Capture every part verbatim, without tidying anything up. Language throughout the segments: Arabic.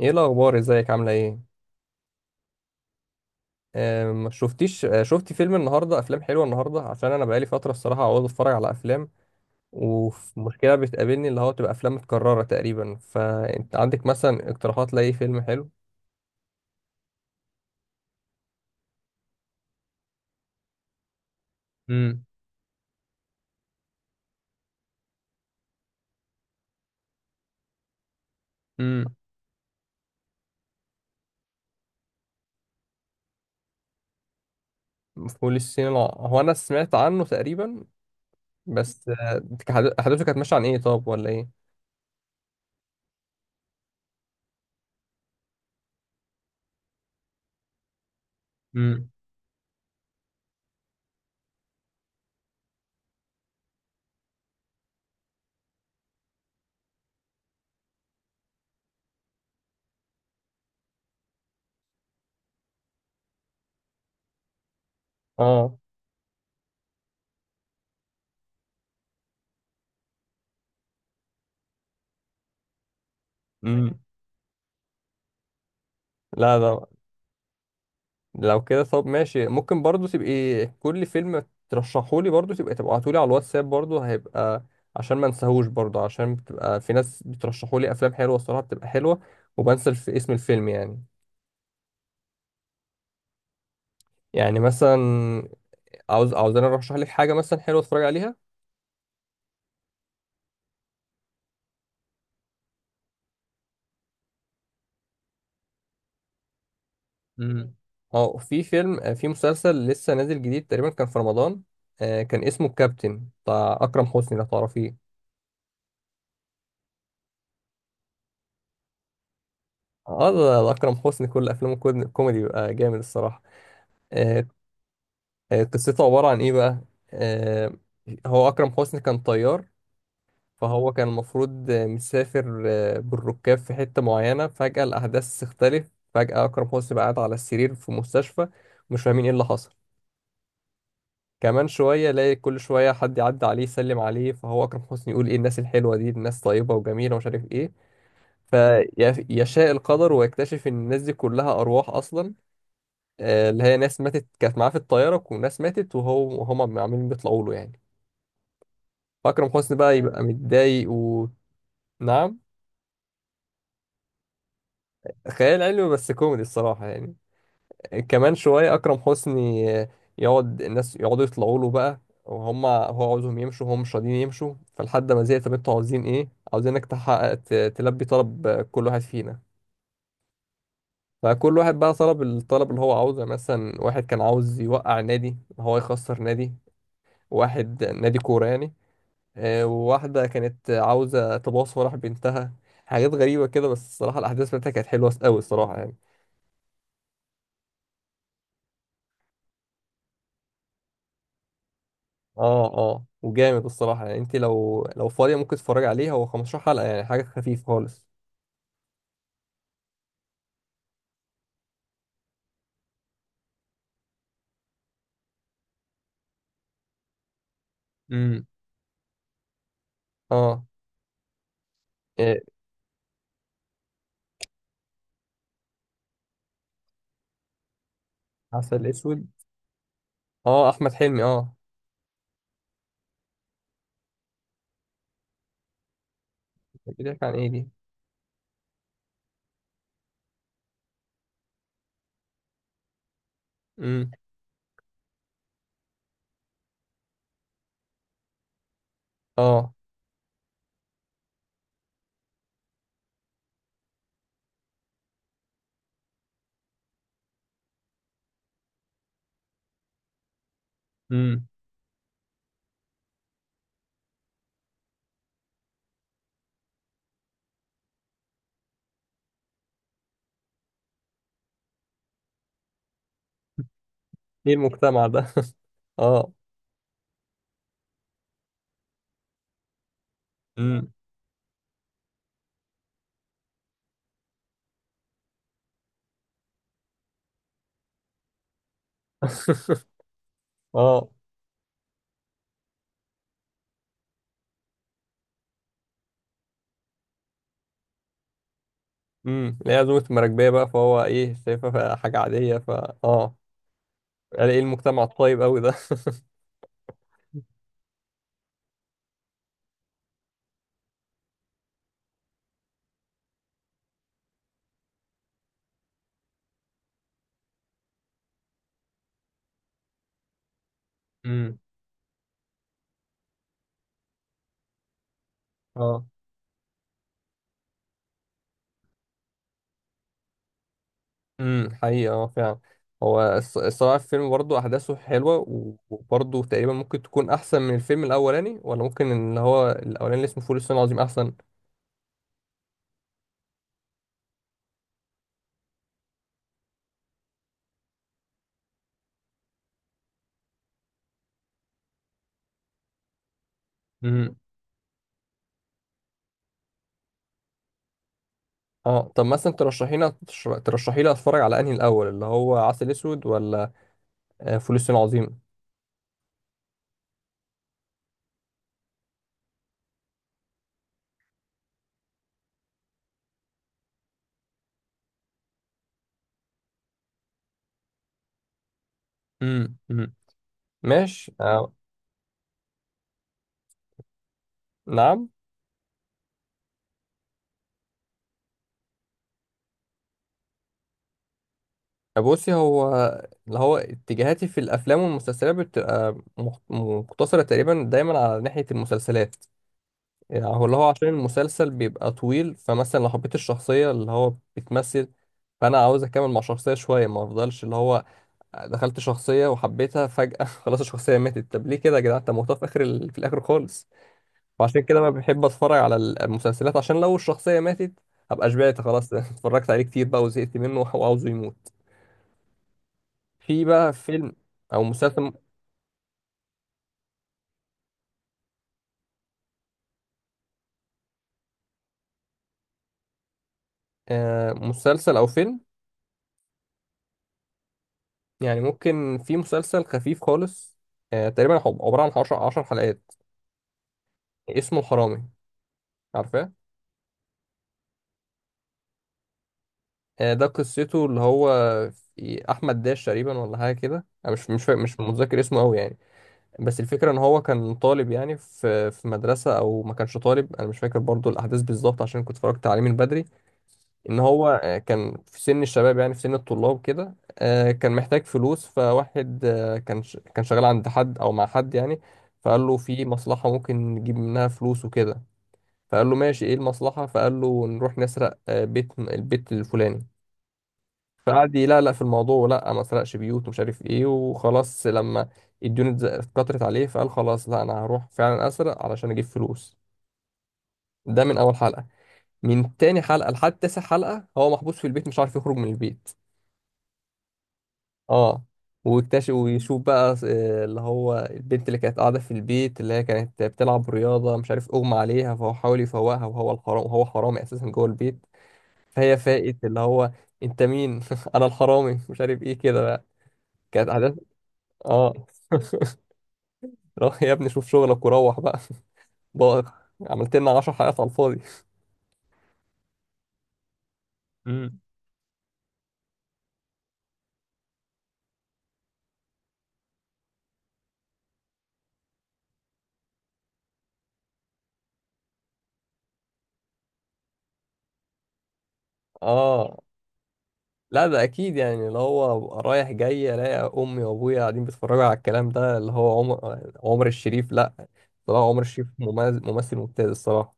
ايه الاخبار، ازيك، عامله ايه؟ آه، ما شفتيش، آه، شفتي فيلم النهارده؟ افلام حلوه النهارده، عشان انا بقالي فتره الصراحه عاوز اتفرج على افلام. ومشكله بتقابلني اللي هو تبقى افلام متكرره تقريبا. فانت عندك مثلا اقتراحات لاي فيلم حلو؟ امم امم فول الصين الع- هو انا سمعت عنه تقريبا، بس آه، كحد- احداثه كانت ماشيه عن ايه طب ولا ايه؟ امم، اه، امم، لا لا لو كده طب ماشي، ممكن برضو تبقي كل فيلم ترشحولي برضو تبقي تبعتولي على الواتساب، برضو هيبقى عشان ما انساهوش، برضو عشان بتبقى في ناس بترشحولي افلام حلوه الصراحه، بتبقى حلوه وبنسى في اسم الفيلم يعني. يعني مثلا عاوز عاوز انا ارشح لك حاجه مثلا حلوه اتفرج عليها. امم. اه في فيلم، آه، في مسلسل لسه نازل جديد تقريبا، كان في رمضان. آه، كان اسمه الكابتن بتاع اكرم حسني لو تعرفيه. اه ده ده اكرم حسني كل افلامه كود- كوميدي، بيبقى جامد الصراحه. آه، آه، قصته عبارة عن إيه بقى؟ آه، هو أكرم حسني كان طيار. فهو كان المفروض آه، مسافر آه، بالركاب في حتة معينة. فجأة الأحداث تختلف، فجأة أكرم حسني بقى قاعد على السرير في مستشفى، مش فاهمين إيه اللي حصل. كمان شوية الاقي كل شوية حد يعدي عليه يسلم عليه، فهو أكرم حسني يقول إيه الناس الحلوة دي، الناس طيبة وجميلة ومش عارف إيه. فيشاء القدر ويكتشف إن الناس دي كلها أرواح أصلا، آه، اللي هي ناس ماتت كانت معاه في الطيارة، وناس ماتت وهو وهما عمالين بيطلعوا له يعني. أكرم حسني بقى يبقى متضايق. ونعم. خيال علمي بس كوميدي الصراحة يعني. كمان شوية أكرم حسني يقعد الناس يقعدوا يطلعوا له بقى، وهم هو عاوزهم يمشوا هم مش راضيين يمشوا. فلحد ما زهق طب انتوا عاوزين ايه؟ عاوزينك تحقق ت- تلبي طلب كل واحد فينا. فكل واحد بقى طلب الطلب اللي هو عاوزه يعني. مثلا واحد كان عاوز يوقع نادي، هو يخسر نادي، واحد نادي كورة يعني. آه، وواحدة كانت عاوزة تباص وراح بنتها، حاجات غريبة كده. بس الصراحة الأحداث بتاعتها كانت حلوة أوي الصراحة يعني. اه اه وجامد الصراحة يعني. انت لو لو فاضية ممكن تتفرج عليه، هو 15 حلقة، يعني حاجة خفيفة خالص. امم. اه. إيه. عسل اسود. اه احمد حلمي اه. بتحكي عن ايه دي؟ امم. اه. امم. ايه المجتمع ده؟ اه. امم. اه. امم اللي هي عزومة المراكبية بقى، فهو ايه شايفها حاجة عادية فا اه. قال ايه المجتمع الطيب قوي ده؟ امم. اه. امم حقيقة اه فعلا. هو الص- الصراحة الفيلم برضه أحداثه حلوة، و- وبرضه تقريبا ممكن تكون أحسن من الفيلم الأولاني، ولا ممكن اللي هو الأولاني اللي اسمه فول الصين العظيم أحسن؟ امم. اه طب مثلا ترشحي لي ترش- ترشحي لي أتفرج على أنهي الأول، اللي هو عسل أسود ولا آه، فول الصين العظيم؟ امم. امم. ماشي آه. نعم. آه، بصي هو اللي هو اتجاهاتي في الأفلام والمسلسلات بتبقى مخ- مقتصرة تقريبا دايما على ناحية المسلسلات. يعني هو اللي هو عشان المسلسل بيبقى طويل، فمثلا لو حبيت الشخصية اللي هو بتمثل، فأنا عاوز أكمل مع شخصية شوية، ما أفضلش اللي هو دخلت شخصية وحبيتها فجأة خلاص الشخصية ماتت، طب ليه كده يا جدعان، أنت موتها في آخر ال... في الآخر خالص. وعشان كده ما بحب أتفرج على المسلسلات عشان لو الشخصية ماتت أبقى شبعت خلاص، اتفرجت عليه كتير بقى وزهقت منه وعاوزه يموت. في بقى فيلم أو مسلسل. آه مسلسل أو فيلم. يعني ممكن في مسلسل خفيف خالص، آه تقريبا هو عبارة عن عشر عشر حلقات، اسمه الحرامي، عارفاه؟ آه، ده قصته اللي هو في احمد داش تقريبا ولا حاجه كده، انا مش مش فا- مش متذكر اسمه قوي يعني. بس الفكره ان هو كان طالب يعني، في في مدرسه او ما كانش طالب، انا مش فاكر برضو الاحداث بالظبط عشان كنت اتفرجت عليه من بدري. ان هو آه، كان في سن الشباب، يعني في سن الطلاب كده. آه، كان محتاج فلوس فواحد آه، كان ش- كان شغال عند حد او مع حد يعني. فقال له في مصلحه ممكن نجيب منها فلوس وكده. فقال له ماشي ايه المصلحة؟ فقال له نروح نسرق آه، بيت البيت الفلاني. فقعد يلقلق في الموضوع، لا ما سرقش بيوت ومش عارف ايه. وخلاص لما الديون اتز- اتكترت عليه، فقال خلاص لا انا هروح فعلا اسرق علشان اجيب فلوس. ده من اول حلقة. من تاني حلقة لحد تاسع حلقة هو محبوس في البيت مش عارف يخرج من البيت. اه. ويكتشف ويشوف بقى آه، اللي هو البنت اللي كانت قاعدة في البيت، اللي هي كانت بتلعب رياضة، مش عارف اغمى عليها، فهو حاول يفوقها وهو الحرام، وهو حرامي اساسا جوه البيت. فهي فاقت اللي هو انت مين؟ انا الحرامي مش عارف ايه كده بقى. كانت احداث. اه روح يا ابني شوف شغلك وروح بقى بقى عملت لنا 10 حلقات على الفاضي. امم. اه لا ده اكيد، يعني اللي هو أبقى رايح جاي الاقي امي وابويا قاعدين بيتفرجوا على الكلام ده اللي هو عمر عمر الشريف. لا طلع عمر الشريف ممثل ممثل ممتاز الصراحه.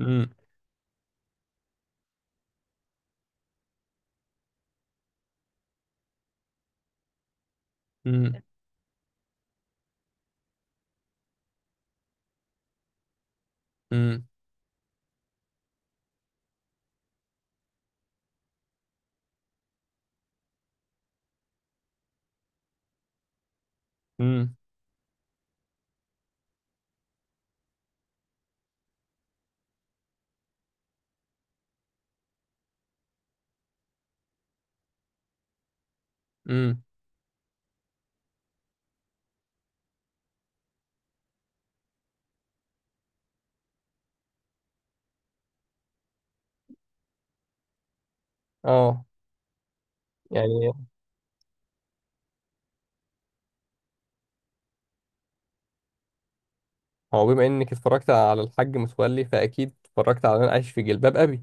امم. امم. امم. امم. اه يعني هو بما انك اتفرجت على الحاج متولي، فاكيد اتفرجت على انا عايش في جلباب ابي.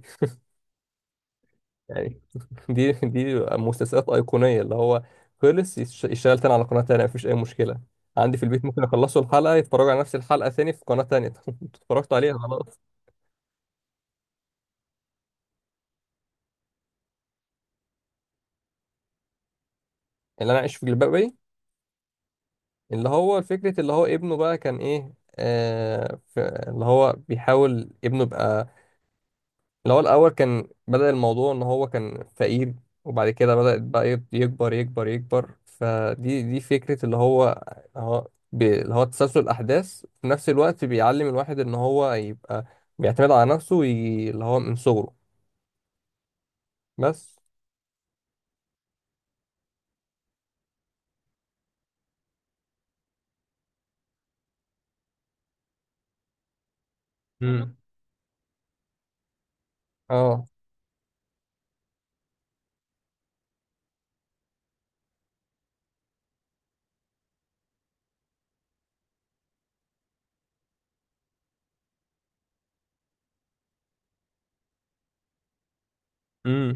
يعني دي دي مسلسلات ايقونيه اللي هو خلص يش- يشتغل تاني على قناه تانيه مفيش اي مشكله عندي في البيت، ممكن اخلصوا الحلقه يتفرجوا على نفس الحلقه تاني في قناه تانيه اتفرجت عليها خلاص. اللي انا عايش في جلباب ابي، اللي هو فكره اللي هو ابنه بقى كان ايه. آه ف- اللي هو بيحاول ابنه يبقى اللي هو الأول كان بدأ الموضوع إن هو كان فقير، وبعد كده بدأت بقى يب- يكبر يكبر يكبر. فدي دي فكرة اللي هو هو ب- اللي هو تسلسل الأحداث في نفس الوقت، بيعلم الواحد إن هو يبقى بيعتمد على نفسه وي... اللي هو من صغره. بس. امم. اه. امم.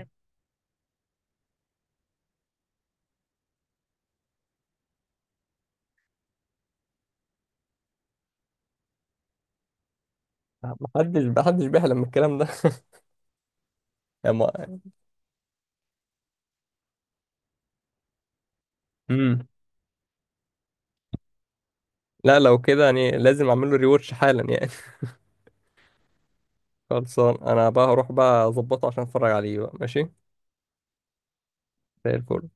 محدش محدش بيحلم من الكلام ده. أما- امم. لا لو كده يعني لازم اعمل له ريواتش حالا يعني. خلصان انا بقى، هروح بقى اظبطه عشان اتفرج عليه بقى ماشي. زي الفل.